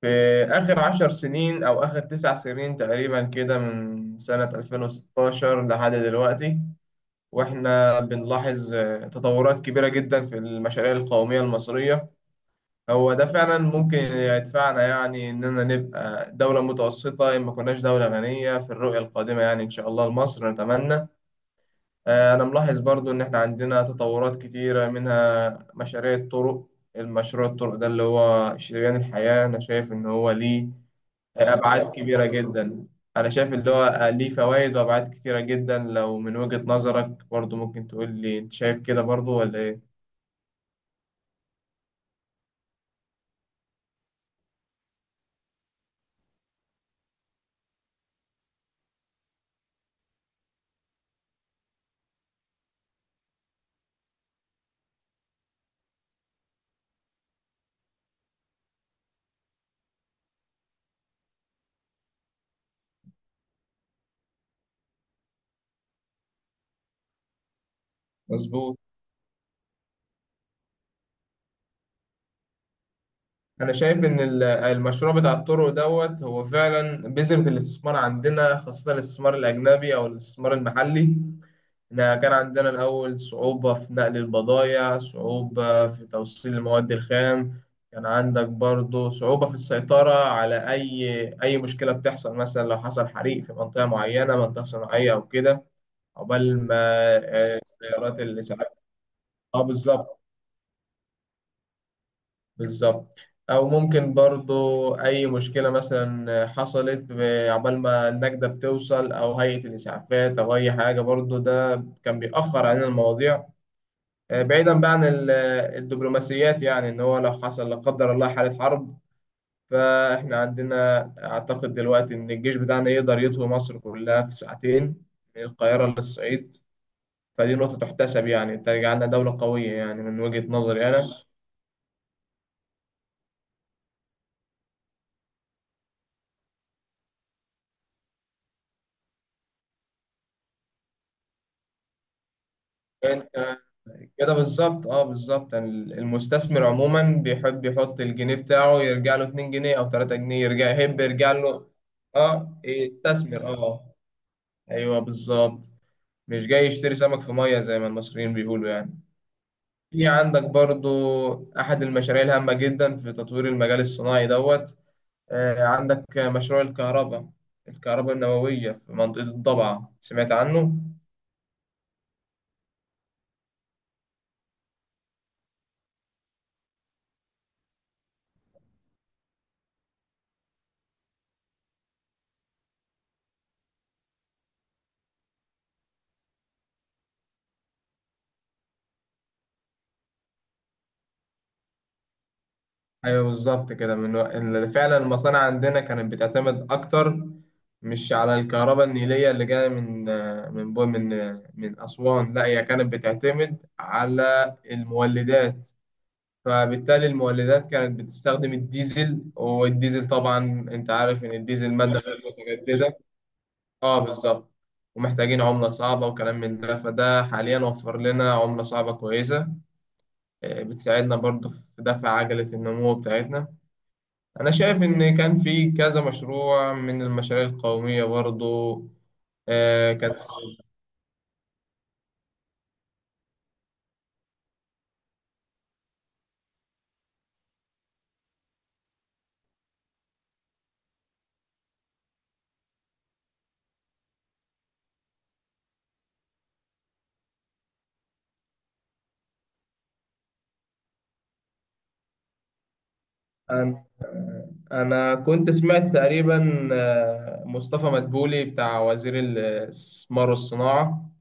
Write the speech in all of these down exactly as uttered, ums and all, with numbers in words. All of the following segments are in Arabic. في آخر عشر سنين أو آخر تسع سنين تقريبا كده، من سنة ألفين وستاشر لحد دلوقتي. وإحنا بنلاحظ، آه، تطورات كبيرة جدا في المشاريع القومية المصرية. هو ده فعلا ممكن يدفعنا يعني إننا نبقى دولة متوسطة إن ما كناش دولة غنية في الرؤية القادمة، يعني إن شاء الله لمصر نتمنى. آه، أنا ملاحظ برضو إن إحنا عندنا تطورات كتيرة، منها مشاريع الطرق. المشروع الطرق ده اللي هو شريان الحياة، أنا شايف إن هو ليه أبعاد كبيرة جدا. أنا شايف اللي هو ليه فوائد وأبعاد كتيرة جدا. لو من وجهة نظرك برضو ممكن تقول لي، أنت شايف كده برضو ولا إيه؟ مظبوط. أنا شايف إن ال- المشروع بتاع الطرق دوت هو فعلا بذرة الاستثمار عندنا، خاصة الاستثمار الأجنبي أو الاستثمار المحلي. إحنا كان عندنا الأول صعوبة في نقل البضايع، صعوبة في توصيل المواد الخام. كان عندك برضو صعوبة في السيطرة على أي أي مشكلة بتحصل، مثلا لو حصل حريق في منطقة معينة، منطقة صناعية أو كده عقبال ما، آه، السيارات اللي ساعات. اه، بالظبط، بالظبط. أو ممكن برضو أي مشكلة مثلا حصلت ب- عقبال ما النجدة بتوصل أو هيئة الإسعافات أو أي حاجة، برضو ده كان بيأخر علينا المواضيع. آه، بعيدا بقى عن ال- الدبلوماسيات، يعني ان هو لو حصل لا قدر الله حالة حرب، فاحنا عندنا اعتقد دلوقتي ان الجيش بتاعنا يقدر يطوي مصر كلها في ساعتين، من القاهرة للصعيد. فدي نقطة تحتسب، يعني تجعلنا دولة قوية يعني من وجهة نظري انا. انت كده بالظبط، اه بالظبط. ال- المستثمر عموما بيحب يحط الجنيه بتاعه يرجع له اتنين جنيه او ثلاثة جنيهات، يرجع يحب يرجع له. اه يستثمر، اه، ايوه بالظبط. مش جاي يشتري سمك في مية زي ما المصريين بيقولوا يعني. في عندك برضو أحد المشاريع الهامة جدا في تطوير المجال الصناعي دوت. آه، عندك مشروع الكهرباء الكهرباء النووية في منطقة الضبعة، سمعت عنه؟ أيوه بالظبط كده. من وق- إن فعلا المصانع عندنا كانت بتعتمد أكتر، مش على الكهرباء النيلية اللي جاية من آه، من بو- من آه، من أسوان، لا هي كانت بتعتمد على المولدات. فبالتالي المولدات كانت بتستخدم الديزل، والديزل طبعا انت عارف ان الديزل مادة غير متجددة. اه بالظبط. ومحتاجين عملة صعبة وكلام من ده، فده حاليا وفر لنا عملة صعبة كويسة، آه، بتساعدنا برضو في دفع عجلة النمو بتاعتنا. أنا شايف إن كان في كذا مشروع من المشاريع القومية برضو. آه، كانت أنا أنا كنت سمعت تقريبا، آه، مصطفى مدبولي بتاع وزير الاستثمار والصناعة،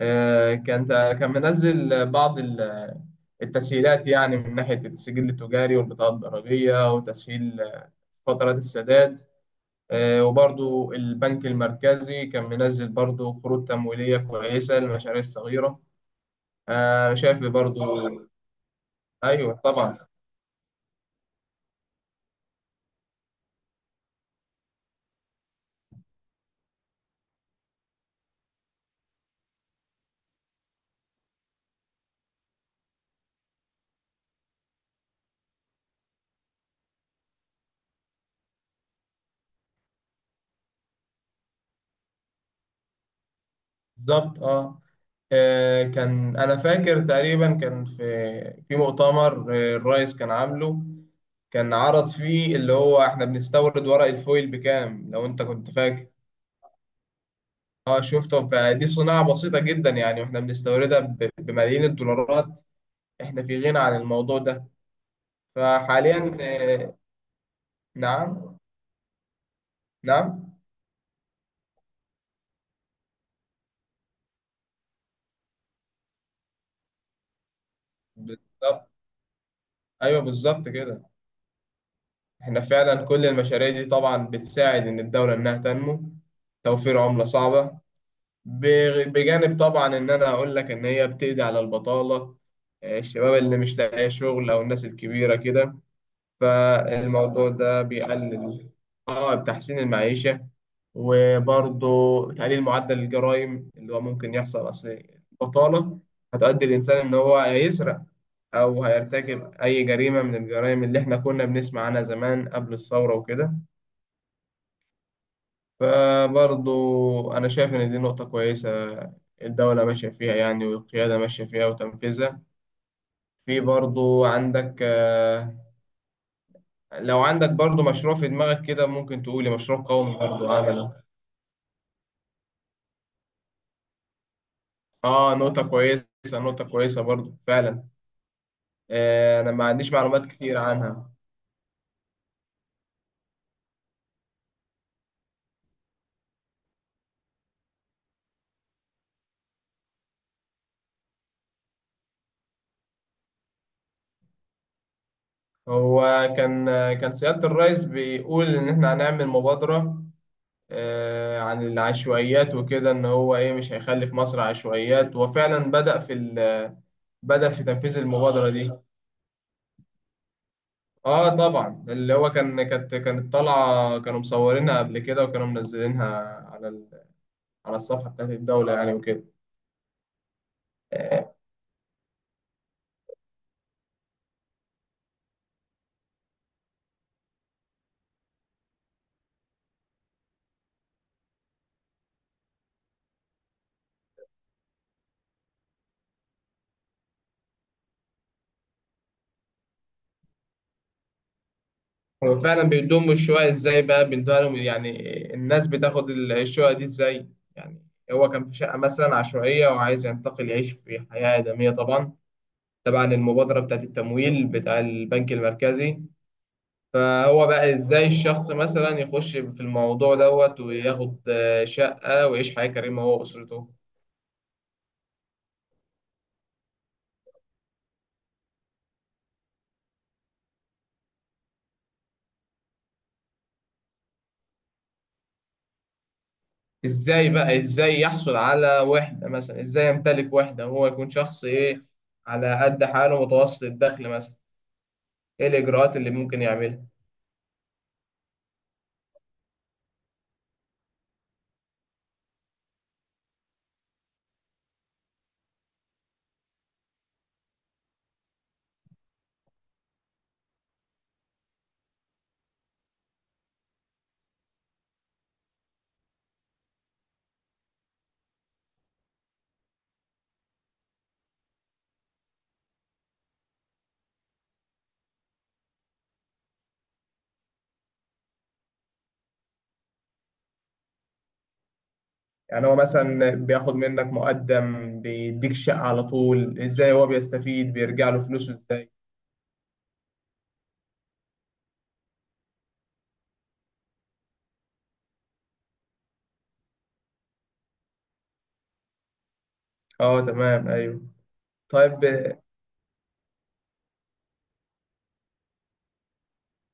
آه، كان كان منزل بعض ال- التسهيلات، يعني من ناحية السجل التجاري والبطاقة الضريبية وتسهيل، آه، فترات السداد. آه، وبرضو البنك المركزي كان منزل برضو قروض تمويلية كويسة للمشاريع الصغيرة. آه، أنا شايف برضو. أيوه طبعا، بالظبط اه. آه، كان انا فاكر تقريبا، كان في في مؤتمر، آه، الرئيس كان عامله، كان عرض فيه اللي هو احنا بنستورد ورق الفويل بكام لو انت كنت فاكر. اه شفته، فدي صناعة بسيطة جدا يعني واحنا بنستوردها ب- بملايين الدولارات. احنا في غنى عن الموضوع ده. فحاليا، آه، نعم، نعم، بالظبط، ايوه بالظبط كده. احنا فعلا كل المشاريع دي طبعا بتساعد ان الدولة انها تنمو، توفير عملة صعبة، ب- بجانب طبعا ان انا اقول لك ان هي بتقضي على البطاله. آه، الشباب اللي مش لاقي شغل او الناس الكبيره كده. فالموضوع ده بيقلل، اه، بتحسين المعيشه، وبرضه تقليل معدل الجرائم، اللي هو ممكن يحصل اصل البطاله هتؤدي الانسان ان هو هيسرق او هيرتكب اي جريمه من الجرائم اللي احنا كنا بنسمع عنها زمان قبل الثوره وكده. فبرضو أنا شايف إن دي نقطة كويسة، الدولة ماشية فيها يعني، والقيادة ماشية فيها وتنفيذها. في برضو عندك آه، لو عندك برضو مشروع في دماغك كده ممكن تقولي مشروع قومي برضو أعمل. آه نقطة كويسة، نقطة كويسة برضو فعلا. آه، أنا ما عنديش معلومات كتير عنها. هو كان آه، كان سيادة الرئيس بيقول إن إحنا هنعمل مبادرة، آه، عن العشوائيات وكده إن هو إيه مش هيخلي في مصر عشوائيات، وفعلا بدأ في ال بدأ في تنفيذ المبادرة دي. اه طبعا، اللي هو كان كانت كانت طالعة، كانوا مصورينها قبل كده وكانوا منزلينها على ال... على الصفحة بتاعت الدولة يعني وكده. آه، هو فعلا بيدوم الشقق ازاي بقى بيدوها لهم يعني؟ الناس بتاخد ال- الشقق دي ازاي يعني؟ هو كان في شقة مثلا عشوائية وعايز ينتقل يعيش في حياة آدمية طبعا، تبعا المبادرة بتاعت التمويل بتاع البنك المركزي. فهو بقى ازاي الشخص مثلا يخش في الموضوع دوت وياخد آه، شقة ويعيش حياة كريمة هو وأسرته؟ ازاي بقى ازاي يحصل على وحدة مثلا، ازاي يمتلك وحدة وهو يكون شخص ايه على قد حاله متوسط الدخل مثلا؟ ايه الإجراءات اللي ممكن يعملها؟ يعني هو مثلا بياخد منك مقدم بيديك شقة على طول، ازاي هو بيستفيد، بيرجع له فلوسه ازاي؟ اه تمام، ايوه. طيب،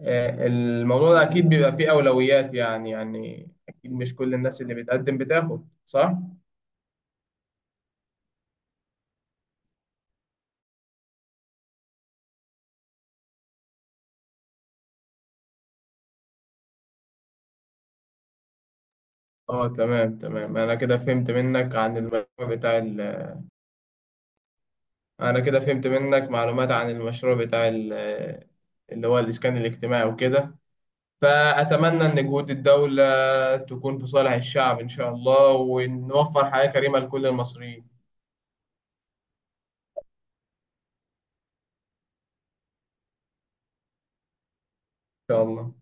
آه، الموضوع ده اكيد بيبقى فيه اولويات، يعني يعني اكيد مش كل الناس اللي بتقدم بتاخد، صح؟ اه تمام، تمام. انا كده فهمت منك عن المشروع بتاع ال... آه، انا كده فهمت منك معلومات عن المشروع بتاع ال... آه، اللي هو الاسكان الاجتماعي وكده. فاتمنى ان جهود الدولة تكون في صالح الشعب ان شاء الله، ونوفر حياة كريمة لكل المصريين ان شاء الله.